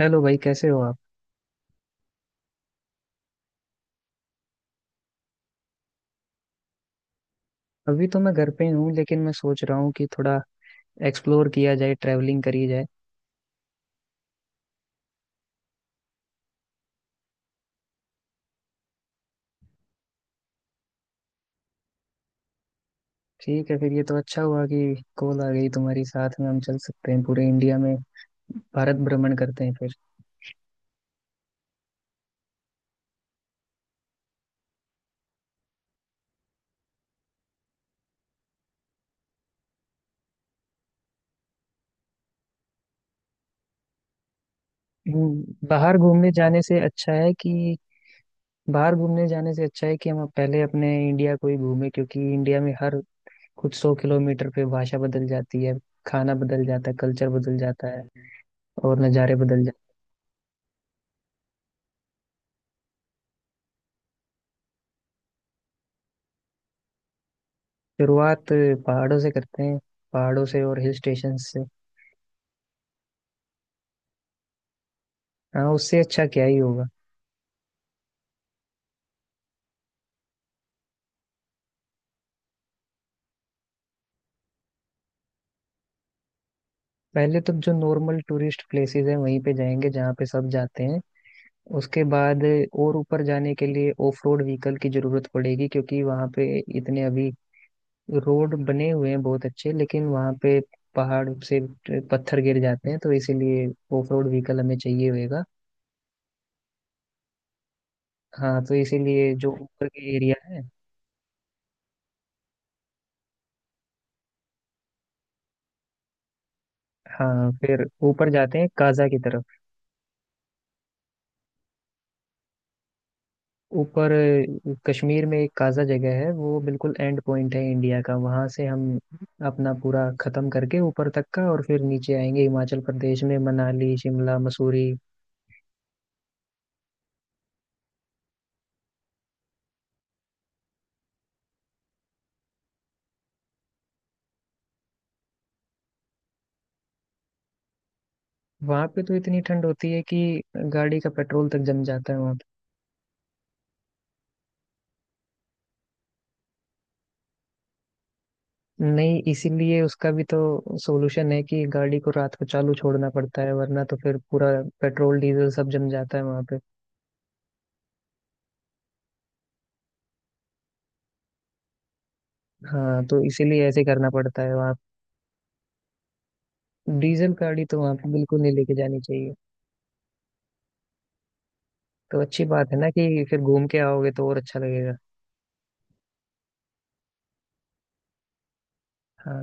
Hello भाई कैसे हो आप। अभी तो मैं घर पे ही हूँ लेकिन मैं सोच रहा हूँ कि थोड़ा एक्सप्लोर किया जाए ट्रैवलिंग करी जाए। ठीक है फिर ये तो अच्छा हुआ कि कॉल आ गई तुम्हारी साथ में हम चल सकते हैं पूरे इंडिया में। भारत भ्रमण करते हैं फिर। हम्म, बाहर घूमने जाने से अच्छा है कि बाहर घूमने जाने से अच्छा है कि हम पहले अपने इंडिया को ही घूमें क्योंकि इंडिया में हर कुछ सौ किलोमीटर पे भाषा बदल जाती है। खाना बदल जाता है। कल्चर बदल जाता है और नज़ारे बदल जाते हैं। शुरुआत पहाड़ों से करते हैं। पहाड़ों से और हिल स्टेशन से। हाँ उससे अच्छा क्या ही होगा। पहले तो जो नॉर्मल टूरिस्ट प्लेसेस है वहीं पे जाएंगे जहाँ पे सब जाते हैं। उसके बाद और ऊपर जाने के लिए ऑफ रोड व्हीकल की जरूरत पड़ेगी क्योंकि वहाँ पे इतने अभी रोड बने हुए हैं बहुत अच्छे लेकिन वहाँ पे पहाड़ से पत्थर गिर जाते हैं तो इसीलिए ऑफ रोड व्हीकल हमें चाहिए होगा। हाँ तो इसीलिए जो ऊपर के एरिया है। हाँ फिर ऊपर जाते हैं काजा की तरफ। ऊपर कश्मीर में एक काजा जगह है वो बिल्कुल एंड पॉइंट है इंडिया का। वहां से हम अपना पूरा खत्म करके ऊपर तक का और फिर नीचे आएंगे हिमाचल प्रदेश में मनाली शिमला मसूरी। वहां पे तो इतनी ठंड होती है कि गाड़ी का पेट्रोल तक जम जाता है वहां पे। नहीं इसीलिए उसका भी तो सोल्यूशन है कि गाड़ी को रात को चालू छोड़ना पड़ता है वरना तो फिर पूरा पेट्रोल डीजल सब जम जाता है वहां पे। हाँ तो इसीलिए ऐसे करना पड़ता है वहाँ। डीजल गाड़ी तो वहां पे बिल्कुल नहीं लेके जानी चाहिए। तो अच्छी बात है ना कि फिर घूम के आओगे तो और अच्छा लगेगा। हाँ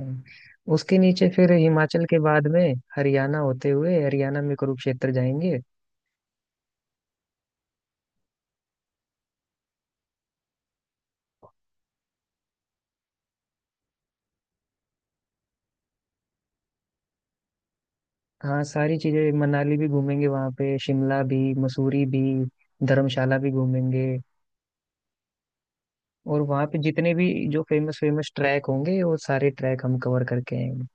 उसके नीचे फिर हिमाचल के बाद में हरियाणा होते हुए हरियाणा में कुरुक्षेत्र जाएंगे। हाँ सारी चीजें मनाली भी घूमेंगे वहाँ पे शिमला भी मसूरी भी धर्मशाला भी घूमेंगे। और वहाँ पे जितने भी जो फेमस फेमस ट्रैक होंगे वो सारे ट्रैक हम कवर करके आएंगे।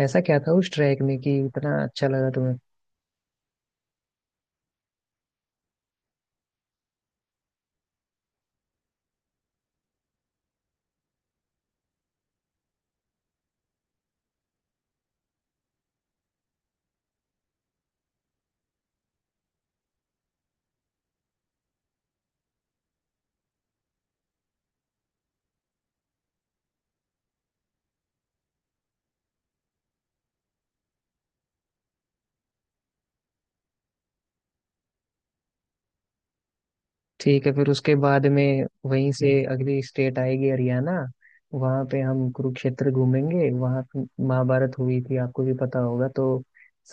ऐसा क्या था उस ट्रैक में कि इतना अच्छा लगा तुम्हें? ठीक है फिर उसके बाद में वहीं से अगली स्टेट आएगी हरियाणा। वहां पे हम कुरुक्षेत्र घूमेंगे। वहां पे महाभारत हुई थी आपको भी पता होगा तो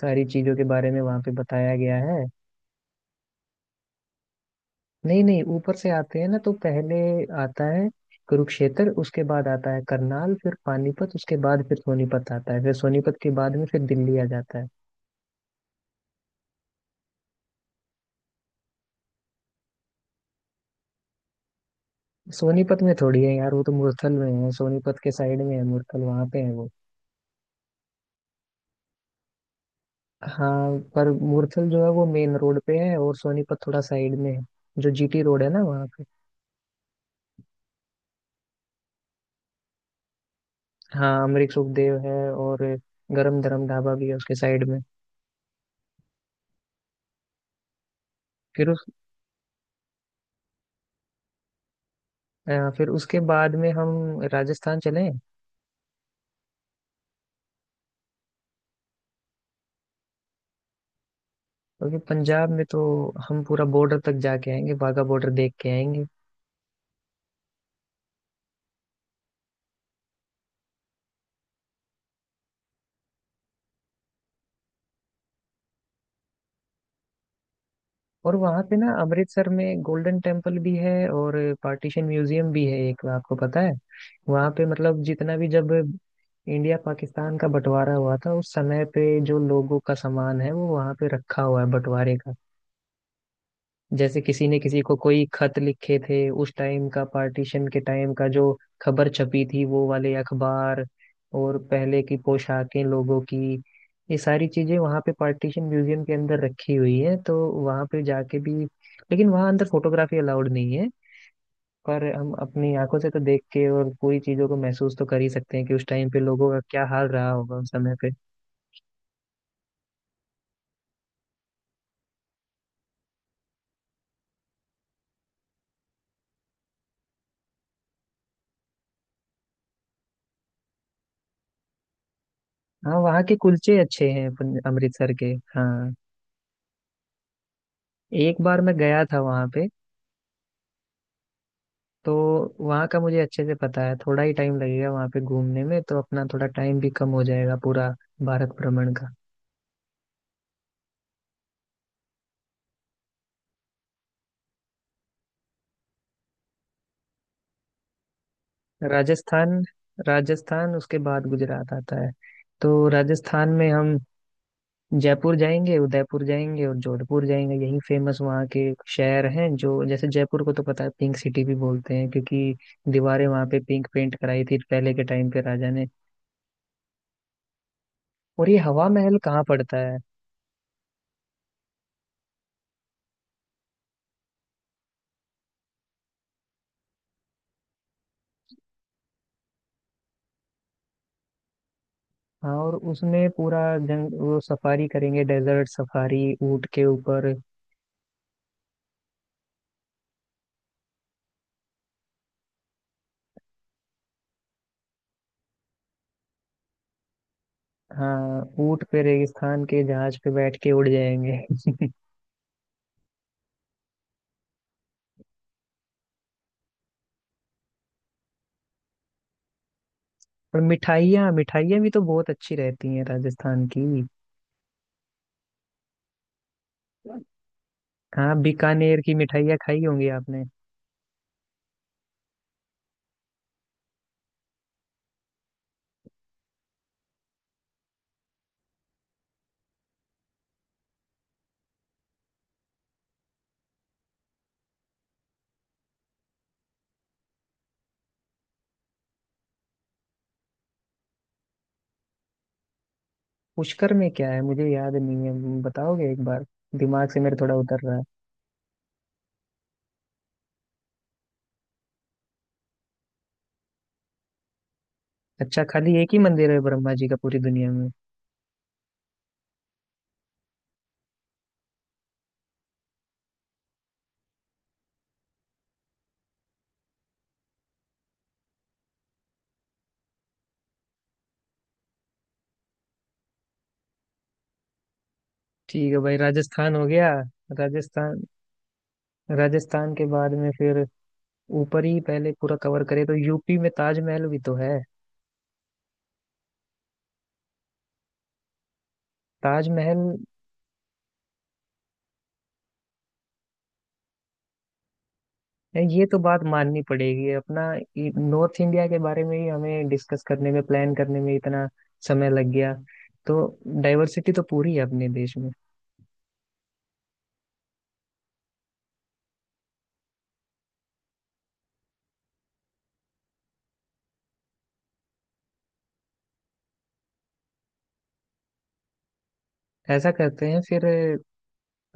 सारी चीजों के बारे में वहां पे बताया गया है। नहीं नहीं ऊपर से आते हैं ना तो पहले आता है कुरुक्षेत्र उसके बाद आता है करनाल फिर पानीपत उसके बाद फिर सोनीपत आता है फिर सोनीपत के बाद में फिर दिल्ली आ जाता है। सोनीपत में थोड़ी है यार वो तो मुरथल में है। सोनीपत के साइड में है मुरथल वहां पे है वो। हाँ पर मुरथल जो है वो मेन रोड पे है और सोनीपत थोड़ा साइड में है। जो जीटी रोड है ना वहाँ पे। हाँ अमरीक सुखदेव है और गरम धरम ढाबा भी है उसके साइड में। फिर फिर उसके बाद में हम राजस्थान चलें। क्योंकि पंजाब में तो हम पूरा बॉर्डर तक जाके आएंगे वाघा बॉर्डर देख के आएंगे। और वहां पे ना अमृतसर में गोल्डन टेम्पल भी है और पार्टीशन म्यूजियम भी है एक आपको पता है। वहां पे मतलब जितना भी जब इंडिया पाकिस्तान का बंटवारा हुआ था उस समय पे जो लोगों का सामान है वो वहां पे रखा हुआ है बंटवारे का। जैसे किसी ने किसी को कोई खत लिखे थे उस टाइम का पार्टीशन के टाइम का जो खबर छपी थी वो वाले अखबार और पहले की पोशाकें लोगों की ये सारी चीजें वहाँ पे पार्टीशन म्यूजियम के अंदर रखी हुई है। तो वहाँ पे जाके भी लेकिन वहाँ अंदर फोटोग्राफी अलाउड नहीं है। पर हम अपनी आंखों से तो देख के और पूरी चीजों को महसूस तो कर ही सकते हैं कि उस टाइम पे लोगों का क्या हाल रहा होगा उस समय पे। हाँ वहाँ के कुलचे अच्छे हैं अमृतसर के। हाँ एक बार मैं गया था वहाँ पे तो वहाँ का मुझे अच्छे से पता है। थोड़ा ही टाइम लगेगा वहाँ पे घूमने में तो अपना थोड़ा टाइम भी कम हो जाएगा पूरा भारत भ्रमण का। राजस्थान। राजस्थान उसके बाद गुजरात आता है। तो राजस्थान में हम जयपुर जाएंगे उदयपुर जाएंगे और जोधपुर जाएंगे। यही फेमस वहाँ के शहर हैं। जो जैसे जयपुर को तो पता है पिंक सिटी भी बोलते हैं क्योंकि दीवारें वहाँ पे पिंक पेंट कराई थी पहले के टाइम पे राजा ने। और ये हवा महल कहाँ पड़ता है? हाँ और उसमें पूरा जंग वो सफारी करेंगे डेजर्ट सफारी ऊँट के ऊपर। हाँ ऊँट पे रेगिस्तान के जहाज पे बैठ के उड़ जाएंगे। और मिठाइयाँ मिठाइयाँ भी तो बहुत अच्छी रहती हैं राजस्थान की। हाँ बीकानेर की मिठाइयाँ खाई होंगी आपने। पुष्कर में क्या है मुझे याद नहीं है बताओगे एक बार? दिमाग से मेरे थोड़ा उतर रहा है। अच्छा खाली एक ही मंदिर है ब्रह्मा जी का पूरी दुनिया में? ठीक है भाई राजस्थान हो गया। राजस्थान। राजस्थान के बाद में फिर ऊपर ही पहले पूरा कवर करे तो यूपी में ताजमहल भी तो है। ताजमहल। ये तो बात माननी पड़ेगी अपना नॉर्थ इंडिया के बारे में ही हमें डिस्कस करने में प्लान करने में इतना समय लग गया। तो डाइवर्सिटी तो पूरी है अपने देश में। ऐसा करते हैं फिर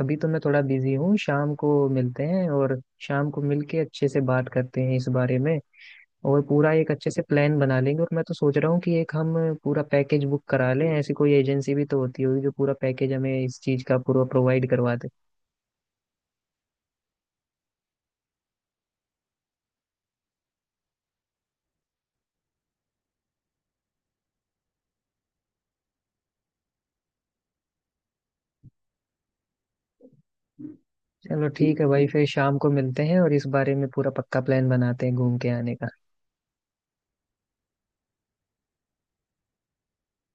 अभी तो मैं थोड़ा बिजी हूँ शाम को मिलते हैं और शाम को मिलके अच्छे से बात करते हैं इस बारे में और पूरा एक अच्छे से प्लान बना लेंगे। और मैं तो सोच रहा हूँ कि एक हम पूरा पैकेज बुक करा लें। ऐसी कोई एजेंसी भी तो होती होगी जो पूरा पैकेज हमें इस चीज़ का पूरा प्रोवाइड करवा दे। चलो ठीक है भाई फिर शाम को मिलते हैं और इस बारे में पूरा पक्का प्लान बनाते हैं घूम के आने का।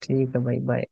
ठीक है भाई बाय।